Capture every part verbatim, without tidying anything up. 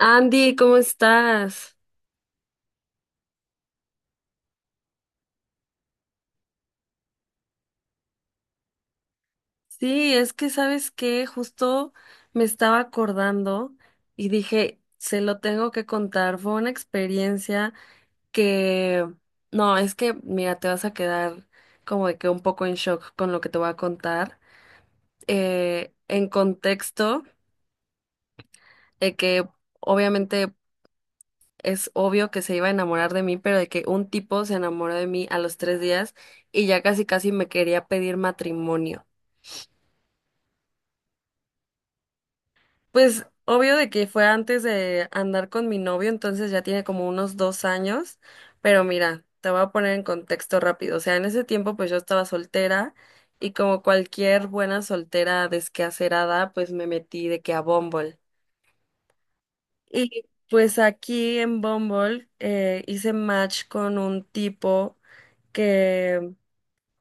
Andy, ¿cómo estás? Sí, es que sabes que justo me estaba acordando y dije, se lo tengo que contar. Fue una experiencia que, no, es que, mira, te vas a quedar como de que un poco en shock con lo que te voy a contar. Eh, en contexto, de que obviamente es obvio que se iba a enamorar de mí, pero de que un tipo se enamoró de mí a los tres días y ya casi casi me quería pedir matrimonio. Pues obvio de que fue antes de andar con mi novio, entonces ya tiene como unos dos años, pero mira, te voy a poner en contexto rápido. O sea, en ese tiempo pues yo estaba soltera y como cualquier buena soltera desquehacerada, pues me metí de que a Bumble. Y pues aquí en Bumble eh, hice match con un tipo que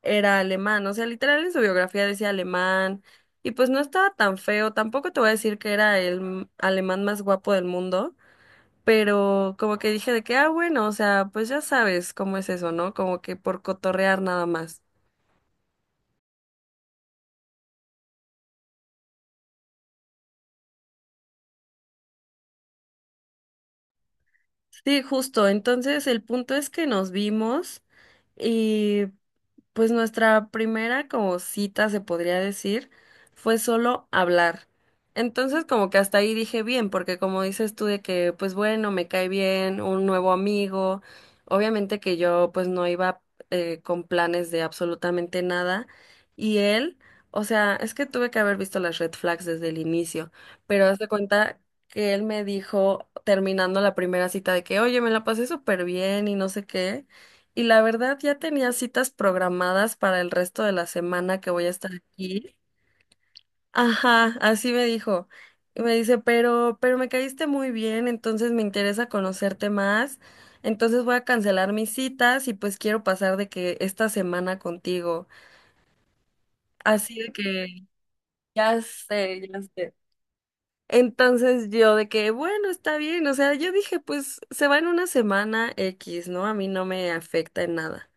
era alemán, o sea, literal en su biografía decía alemán, y pues no estaba tan feo, tampoco te voy a decir que era el m- alemán más guapo del mundo, pero como que dije de que, ah, bueno, o sea, pues ya sabes cómo es eso, ¿no? Como que por cotorrear nada más. Sí, justo, entonces el punto es que nos vimos. Pues nuestra primera como cita, se podría decir, fue solo hablar. Entonces como que hasta ahí dije bien, porque como dices tú de que, pues bueno, me cae bien, un nuevo amigo, obviamente que yo pues no iba eh, con planes de absolutamente nada. Y él, o sea, es que tuve que haber visto las red flags desde el inicio, pero haz de cuenta que él me dijo terminando la primera cita de que, oye, me la pasé súper bien y no sé qué. Y la verdad ya tenía citas programadas para el resto de la semana que voy a estar aquí. Ajá, así me dijo. Y me dice, pero, pero me caíste muy bien, entonces me interesa conocerte más. Entonces voy a cancelar mis citas y pues quiero pasar de que esta semana contigo. Así de que ya sé, ya sé. Entonces yo de que, bueno, está bien. O sea, yo dije, pues se va en una semana X, ¿no? A mí no me afecta en nada.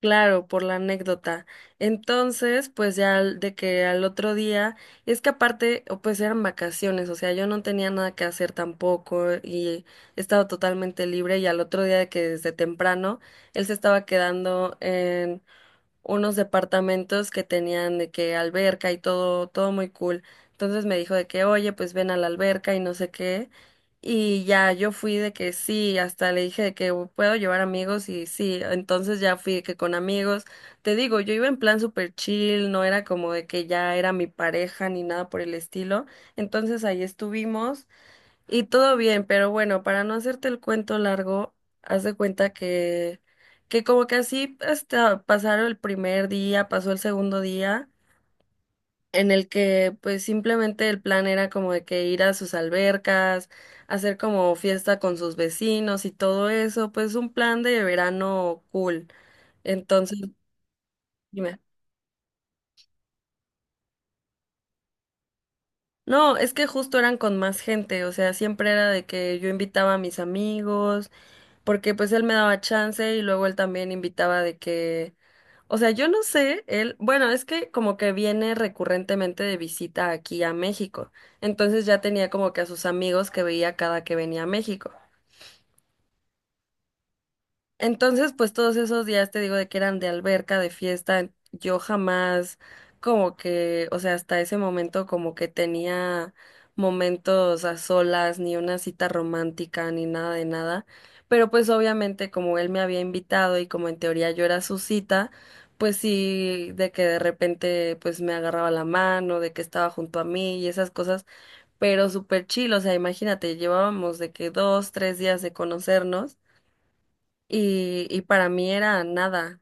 Claro, por la anécdota. Entonces, pues ya al- de que al otro día, es que aparte, o pues eran vacaciones, o sea, yo no tenía nada que hacer tampoco y estaba totalmente libre y al otro día de que desde temprano él se estaba quedando unos departamentos que tenían de que alberca y todo, todo muy cool. Entonces me dijo de que, oye, pues ven a la alberca y no sé qué. Y ya yo fui de que sí, hasta le dije de que puedo llevar amigos y sí, entonces ya fui de que con amigos. Te digo, yo iba en plan super chill, no era como de que ya era mi pareja ni nada por el estilo. Entonces ahí estuvimos y todo bien, pero bueno, para no hacerte el cuento largo, haz de cuenta que, que como que así hasta pasaron el primer día, pasó el segundo día, en el que pues simplemente el plan era como de que ir a sus albercas, hacer como fiesta con sus vecinos y todo eso, pues un plan de verano cool. Entonces, dime. No, es que justo eran con más gente, o sea, siempre era de que yo invitaba a mis amigos, porque pues él me daba chance y luego él también invitaba de que, o sea, yo no sé, él, bueno, es que como que viene recurrentemente de visita aquí a México, entonces ya tenía como que a sus amigos que veía cada que venía a México. Entonces, pues todos esos días te digo de que eran de alberca, de fiesta, yo jamás como que, o sea, hasta ese momento como que tenía momentos a solas, ni una cita romántica, ni nada de nada. Pero pues obviamente como él me había invitado y como en teoría yo era su cita, pues sí, de que de repente pues me agarraba la mano, de que estaba junto a mí y esas cosas, pero súper chill, o sea, imagínate, llevábamos de que dos, tres días de conocernos y, y para mí era nada.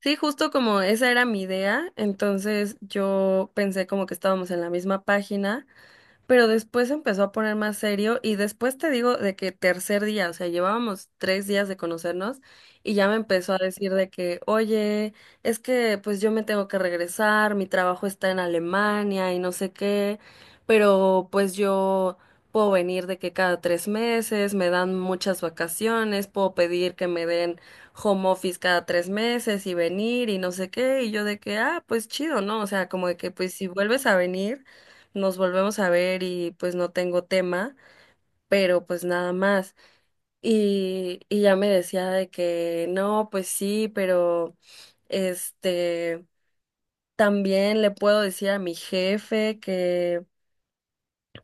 Sí, justo como esa era mi idea, entonces yo pensé como que estábamos en la misma página. Pero después se empezó a poner más serio y después te digo de que tercer día, o sea, llevábamos tres días de conocernos y ya me empezó a decir de que, oye, es que pues yo me tengo que regresar, mi trabajo está en Alemania y no sé qué, pero pues yo puedo venir de que cada tres meses me dan muchas vacaciones, puedo pedir que me den home office cada tres meses y venir y no sé qué, y yo de que, ah, pues chido, ¿no? O sea, como de que pues si vuelves a venir nos volvemos a ver y pues no tengo tema, pero pues nada más. Y, y ya me decía de que no, pues sí, pero este, también le puedo decir a mi jefe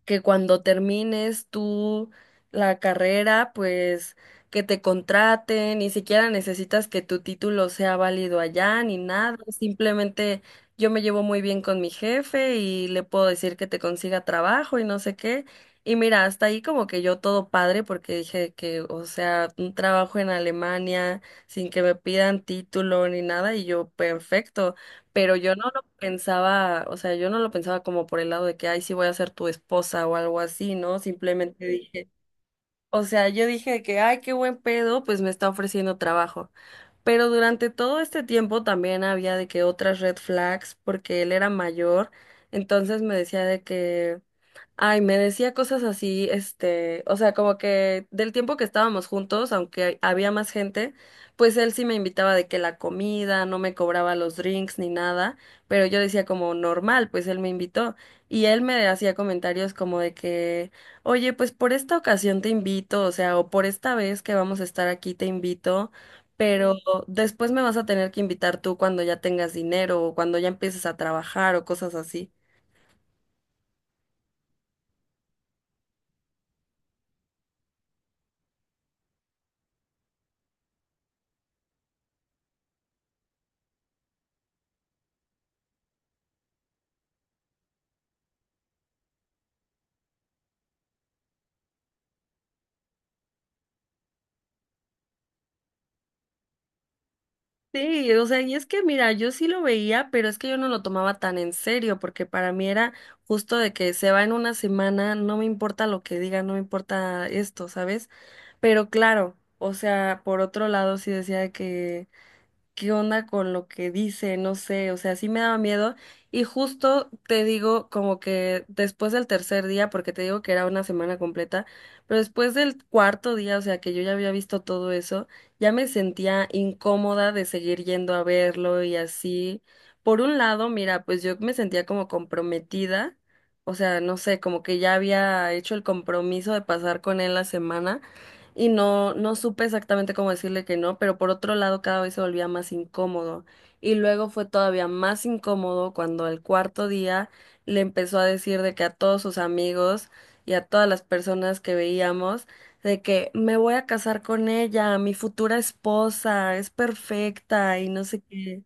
que cuando termines tú la carrera, pues que te contraten, ni siquiera necesitas que tu título sea válido allá ni nada, simplemente yo me llevo muy bien con mi jefe y le puedo decir que te consiga trabajo y no sé qué. Y mira, hasta ahí como que yo todo padre porque dije que, o sea, un trabajo en Alemania sin que me pidan título ni nada y yo perfecto, pero yo no lo pensaba, o sea, yo no lo pensaba como por el lado de que, ay, sí voy a ser tu esposa o algo así, ¿no? Simplemente dije, o sea, yo dije que, ay, qué buen pedo, pues me está ofreciendo trabajo. Pero durante todo este tiempo también había de que otras red flags, porque él era mayor, entonces me decía de que... Ay, me decía cosas así, este, o sea, como que del tiempo que estábamos juntos, aunque había más gente, pues él sí me invitaba de que la comida, no me cobraba los drinks ni nada, pero yo decía como normal, pues él me invitó y él me hacía comentarios como de que, oye, pues por esta ocasión te invito, o sea, o por esta vez que vamos a estar aquí te invito, pero después me vas a tener que invitar tú cuando ya tengas dinero o cuando ya empieces a trabajar o cosas así. Sí, o sea, y es que mira, yo sí lo veía, pero es que yo no lo tomaba tan en serio, porque para mí era justo de que se va en una semana, no me importa lo que diga, no me importa esto, ¿sabes? Pero claro, o sea, por otro lado sí decía de que qué onda con lo que dice, no sé, o sea, sí me daba miedo. Y justo te digo como que después del tercer día, porque te digo que era una semana completa, pero después del cuarto día, o sea, que yo ya había visto todo eso, ya me sentía incómoda de seguir yendo a verlo y así. Por un lado, mira, pues yo me sentía como comprometida, o sea, no sé, como que ya había hecho el compromiso de pasar con él la semana y no, no supe exactamente cómo decirle que no, pero por otro lado cada vez se volvía más incómodo. Y luego fue todavía más incómodo cuando el cuarto día le empezó a decir de que a todos sus amigos y a todas las personas que veíamos, de que me voy a casar con ella, mi futura esposa, es perfecta y no sé qué.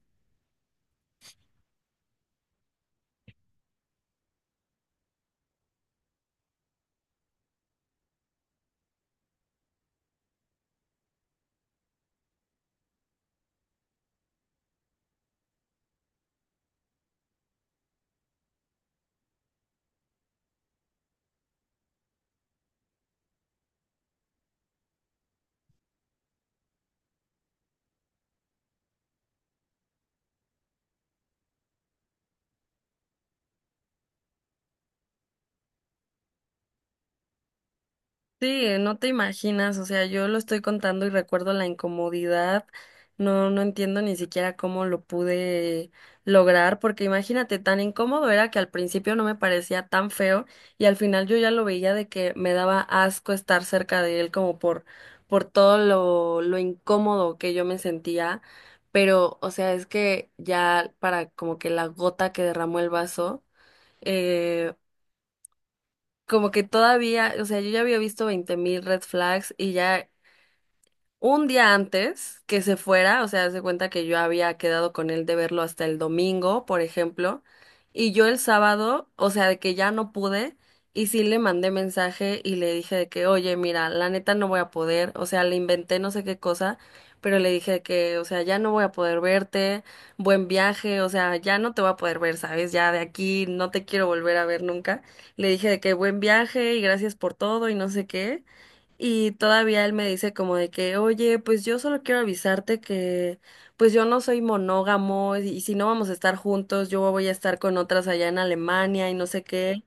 Sí, no te imaginas, o sea, yo lo estoy contando y recuerdo la incomodidad, no, no entiendo ni siquiera cómo lo pude lograr, porque imagínate, tan incómodo era que al principio no me parecía tan feo y al final yo ya lo veía de que me daba asco estar cerca de él como por, por todo lo, lo incómodo que yo me sentía, pero, o sea, es que ya para como que la gota que derramó el vaso. eh, Como que todavía, o sea, yo ya había visto veinte mil red flags y ya un día antes que se fuera, o sea, haz de cuenta que yo había quedado con él de verlo hasta el domingo, por ejemplo, y yo el sábado, o sea, de que ya no pude, y sí le mandé mensaje y le dije de que, oye, mira, la neta no voy a poder, o sea, le inventé no sé qué cosa, pero le dije de que, o sea, ya no voy a poder verte, buen viaje, o sea, ya no te voy a poder ver, ¿sabes? Ya de aquí no te quiero volver a ver nunca. Le dije de que buen viaje y gracias por todo y no sé qué. Y todavía él me dice como de que, oye, pues yo solo quiero avisarte que, pues yo no soy monógamo y si no vamos a estar juntos, yo voy a estar con otras allá en Alemania y no sé qué,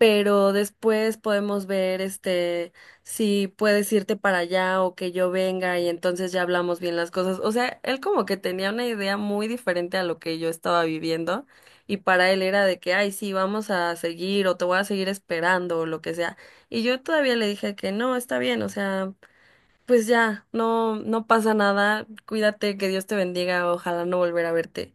pero después podemos ver este si puedes irte para allá o que yo venga y entonces ya hablamos bien las cosas. O sea, él como que tenía una idea muy diferente a lo que yo estaba viviendo y para él era de que, ay, sí, vamos a seguir o te voy a seguir esperando o lo que sea. Y yo todavía le dije que no, está bien, o sea, pues ya, no no pasa nada, cuídate, que Dios te bendiga, ojalá no volver a verte.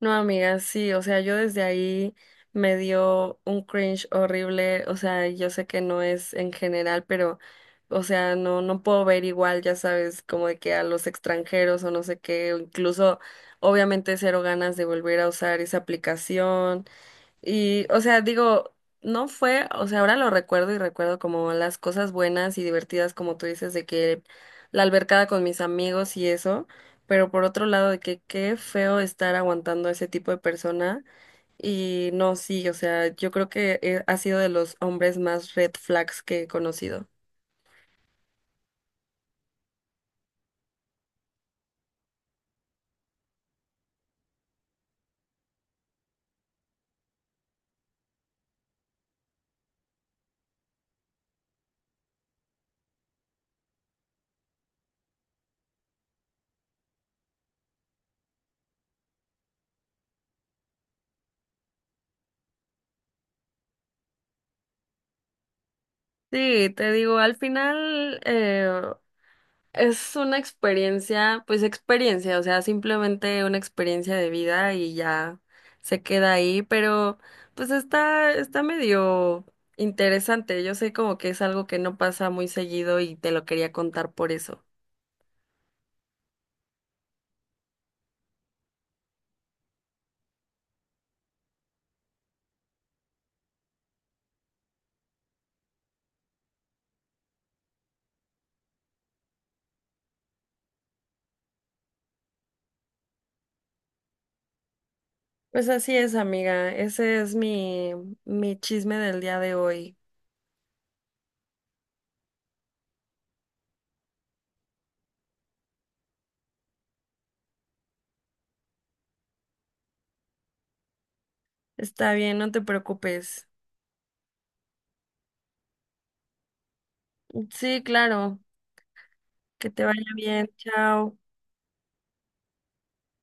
No, amiga, sí, o sea, yo desde ahí me dio un cringe horrible, o sea, yo sé que no es en general, pero, o sea, no, no puedo ver igual, ya sabes, como de que a los extranjeros o no sé qué, o incluso, obviamente, cero ganas de volver a usar esa aplicación, y, o sea, digo, no fue, o sea, ahora lo recuerdo y recuerdo como las cosas buenas y divertidas, como tú dices, de que la albercada con mis amigos y eso, pero por otro lado, de que qué feo estar aguantando a ese tipo de persona. Y no, sí, o sea, yo creo que eh, ha sido de los hombres más red flags que he conocido. Sí, te digo, al final, eh, es una experiencia, pues experiencia, o sea, simplemente una experiencia de vida y ya se queda ahí, pero pues está, está medio interesante. Yo sé como que es algo que no pasa muy seguido y te lo quería contar por eso. Pues así es, amiga. Ese es mi, mi chisme del día de hoy. Está bien, no te preocupes. Sí, claro. Que te vaya bien. Chao.